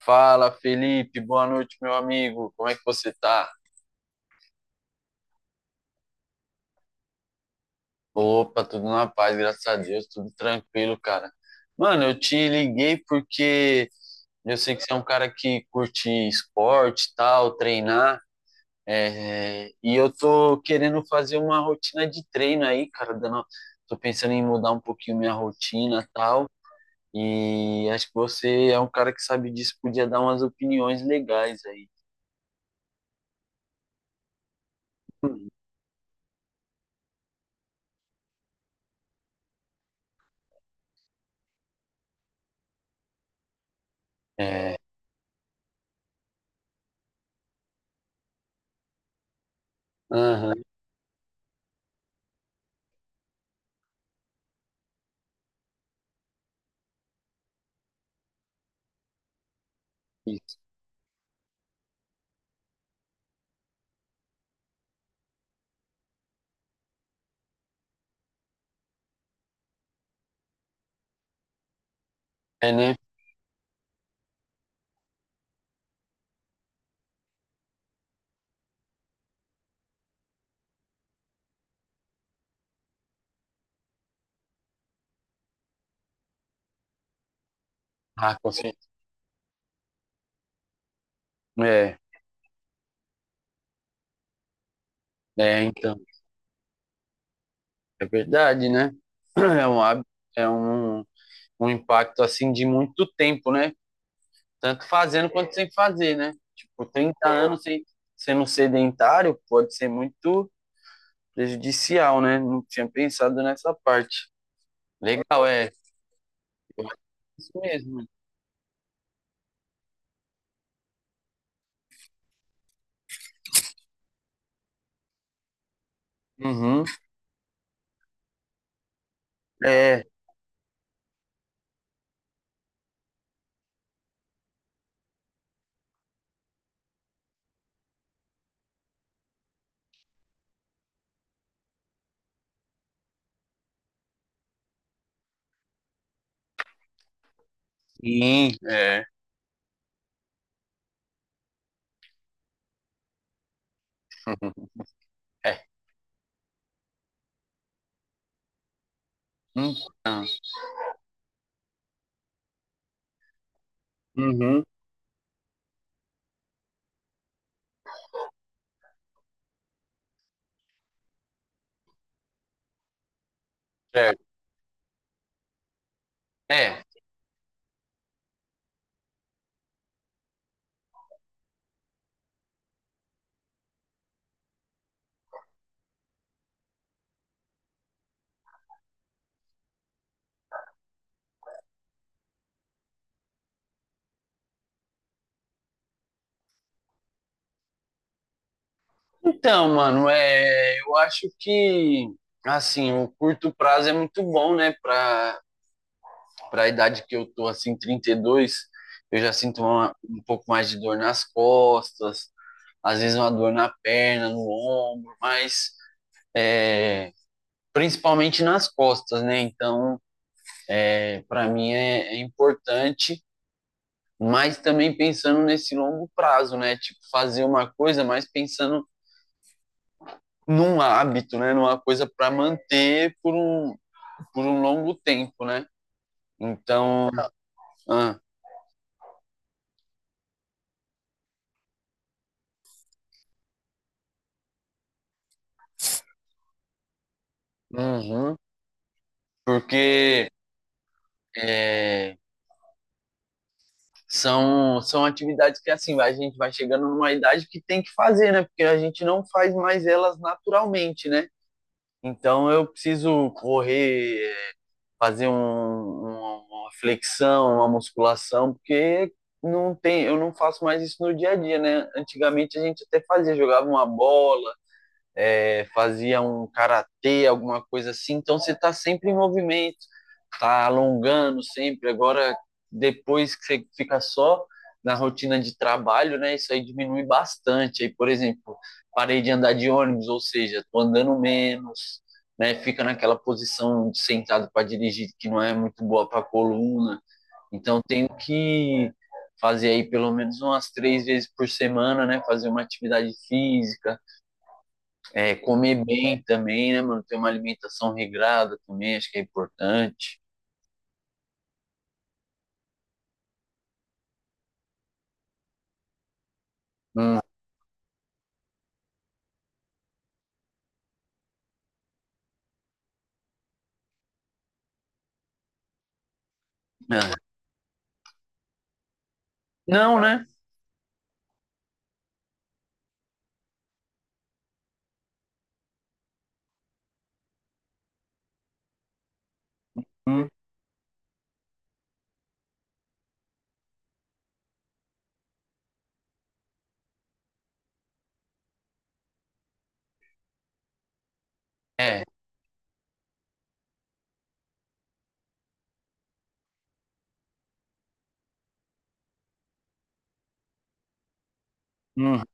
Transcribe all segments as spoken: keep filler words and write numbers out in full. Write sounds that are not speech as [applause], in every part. Fala, Felipe, boa noite, meu amigo. Como é que você tá? Opa, tudo na paz, graças a Deus, tudo tranquilo, cara. Mano, eu te liguei porque eu sei que você é um cara que curte esporte, e tal, treinar, é, e eu tô querendo fazer uma rotina de treino aí, cara, dando, tô pensando em mudar um pouquinho minha rotina, e tal, e acho que você é um cara que sabe disso, podia dar umas opiniões legais aí. É, aham, isso. É, né? Ah, com certeza. É, é, então, é verdade, né? [clears throat] É um, hábito- é um, um impacto, assim, de muito tempo, né? Tanto fazendo quanto sem fazer, né? Tipo, trinta anos sem, sendo sedentário pode ser muito prejudicial, né? Não tinha pensado nessa parte. Legal, é. Eu acho isso mesmo. Uhum. É, sim, é. [laughs] É. Então, uhum. Certo. É, então, mano, é, eu acho que assim, o curto prazo é muito bom, né, para para a idade que eu tô assim, trinta e dois, eu já sinto uma- um pouco mais de dor nas costas, às vezes uma dor na perna, no ombro, mas principalmente nas costas, né? Então, para mim é, é importante, mas também pensando nesse longo prazo, né? Tipo, fazer uma coisa, mas pensando num hábito, né? Numa coisa para manter por um, por um longo tempo, né? Então, ah, uhum, porque é, são, são atividades que assim vai- a gente vai chegando numa idade que tem que fazer, né? Porque a gente não faz mais elas naturalmente, né? Então eu preciso correr, é, fazer um- uma, uma flexão, uma musculação, porque não tem, eu não faço mais isso no dia a dia, né? Antigamente a gente até fazia, jogava uma bola, é, fazia um karatê, alguma coisa assim. Então você está sempre em movimento, está alongando sempre. Agora, depois que você fica só na rotina de trabalho, né, isso aí diminui bastante. Aí, por exemplo, parei de andar de ônibus, ou seja, estou andando menos, né, fica naquela posição de sentado para dirigir que não é muito boa para a coluna. Então tenho que fazer aí pelo menos umas três vezes por semana, né, fazer uma atividade física, é, comer bem também, né, mano? Ter uma alimentação regrada também, acho que é importante. Hum. Ah, não, né? Hum, é, hum.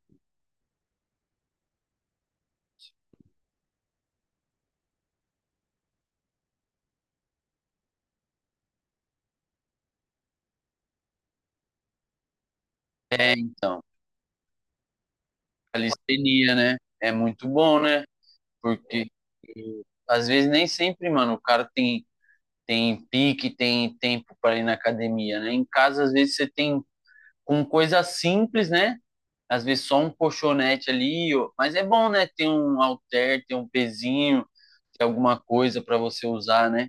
É, então. Calistenia, né? É muito bom, né? Porque e, às vezes nem sempre, mano, o cara tem, tem pique, tem tempo para ir na academia, né? Em casa, às vezes, você tem com coisa simples, né? Às vezes só um colchonete ali, ó. Mas é bom, né? Ter um halter, ter um pezinho, ter alguma coisa para você usar, né?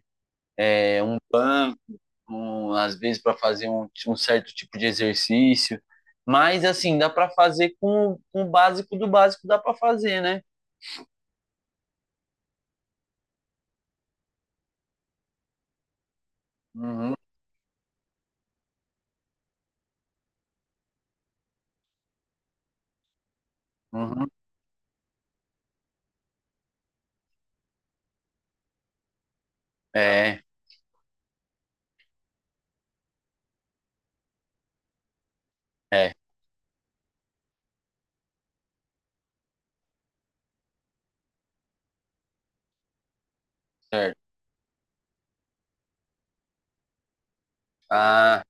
um- Às vezes para fazer um, um certo tipo de exercício. Mas assim, dá para fazer com, com o básico do básico, dá para fazer, né? Uhum, uhum. É, é, certo. Ah,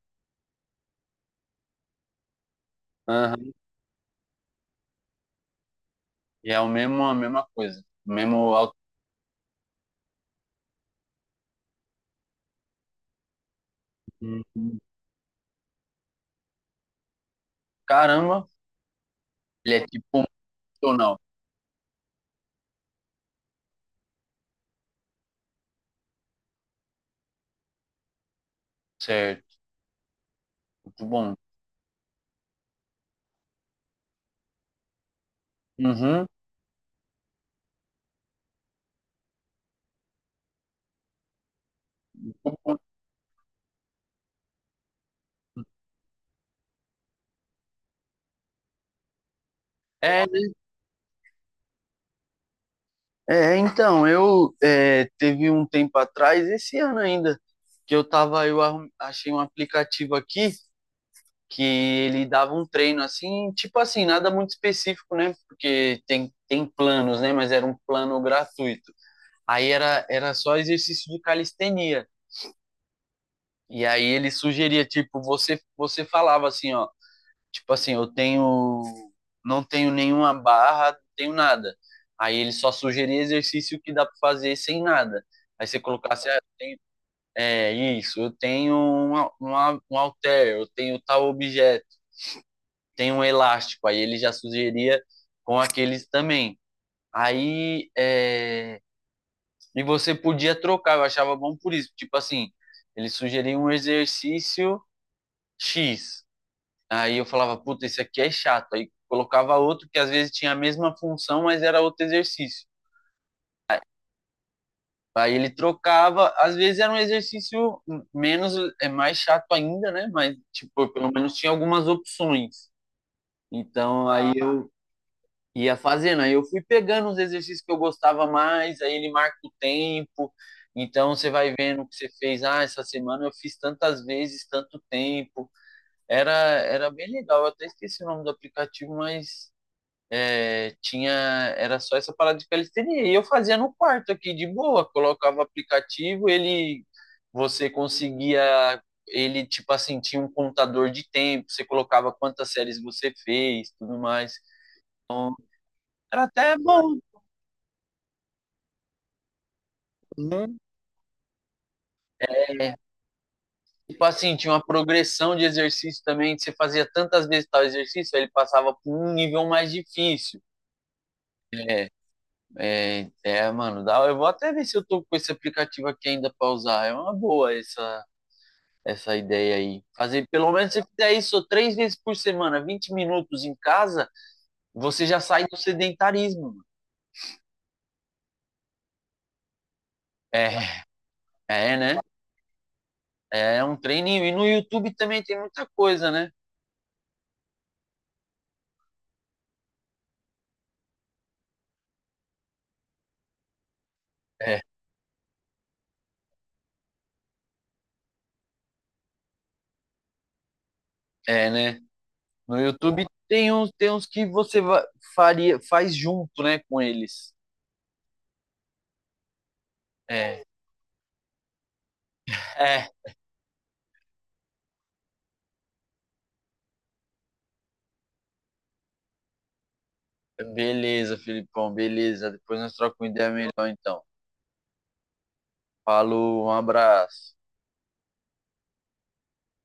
aham. E é o mesmo, a mesma coisa. O mesmo alto. Caramba, ele é tipo funcional. Certo, muito bom. Uhum. É, é, então, eu é, teve um tempo atrás, esse ano ainda, que eu tava, eu arrum- achei um aplicativo aqui, que ele dava um treino assim, tipo assim, nada muito específico, né? Porque tem, tem planos, né? Mas era um plano gratuito. Aí era, era só exercício de calistenia. E aí ele sugeria, tipo, você, você falava assim, ó, tipo assim, eu tenho, não tenho nenhuma barra, não tenho nada. Aí ele só sugeria exercício que dá para fazer sem nada. Aí você colocasse, ah, eu tenho, é isso, eu tenho um, um, um halter, eu tenho tal objeto, tem um elástico, aí ele já sugeria com aqueles também. Aí, é, e você podia trocar, eu achava bom por isso. Tipo assim, ele sugeria um exercício X. Aí eu falava, puta, esse aqui é chato. Aí colocava outro que às vezes tinha a mesma função, mas era outro exercício. Aí ele trocava, às vezes era um exercício menos, é mais chato ainda, né? Mas, tipo, pelo menos tinha algumas opções. Então, aí eu ia fazendo. Aí eu fui pegando os exercícios que eu gostava mais, aí ele marca o tempo. Então você vai vendo o que você fez. Ah, essa semana eu fiz tantas vezes, tanto tempo. Era, era bem legal. Eu até esqueci o nome do aplicativo, mas é, tinha era só essa parada de calistenia. E eu fazia no quarto aqui de boa. Colocava o aplicativo, ele você conseguia ele tipo assim tinha um contador de tempo. Você colocava quantas séries você fez, tudo mais. Então era até bom, né? Tipo assim, tinha uma progressão de exercício também, que você fazia tantas vezes tal exercício, aí ele passava por um nível mais difícil. É, é, é, mano, dá, eu vou até ver se eu tô com esse aplicativo aqui ainda pra usar. É uma boa essa, essa ideia aí. Fazer, pelo menos se fizer isso três vezes por semana, vinte minutos em casa, você já sai do sedentarismo, mano. É, é, né? É um treininho. E no YouTube também tem muita coisa, né? É, é, né? No YouTube tem uns, tem uns que você va- faria, faz junto, né, com eles. É, é. Beleza, Filipão, beleza. Depois nós trocamos uma ideia melhor, então. Falou, um abraço.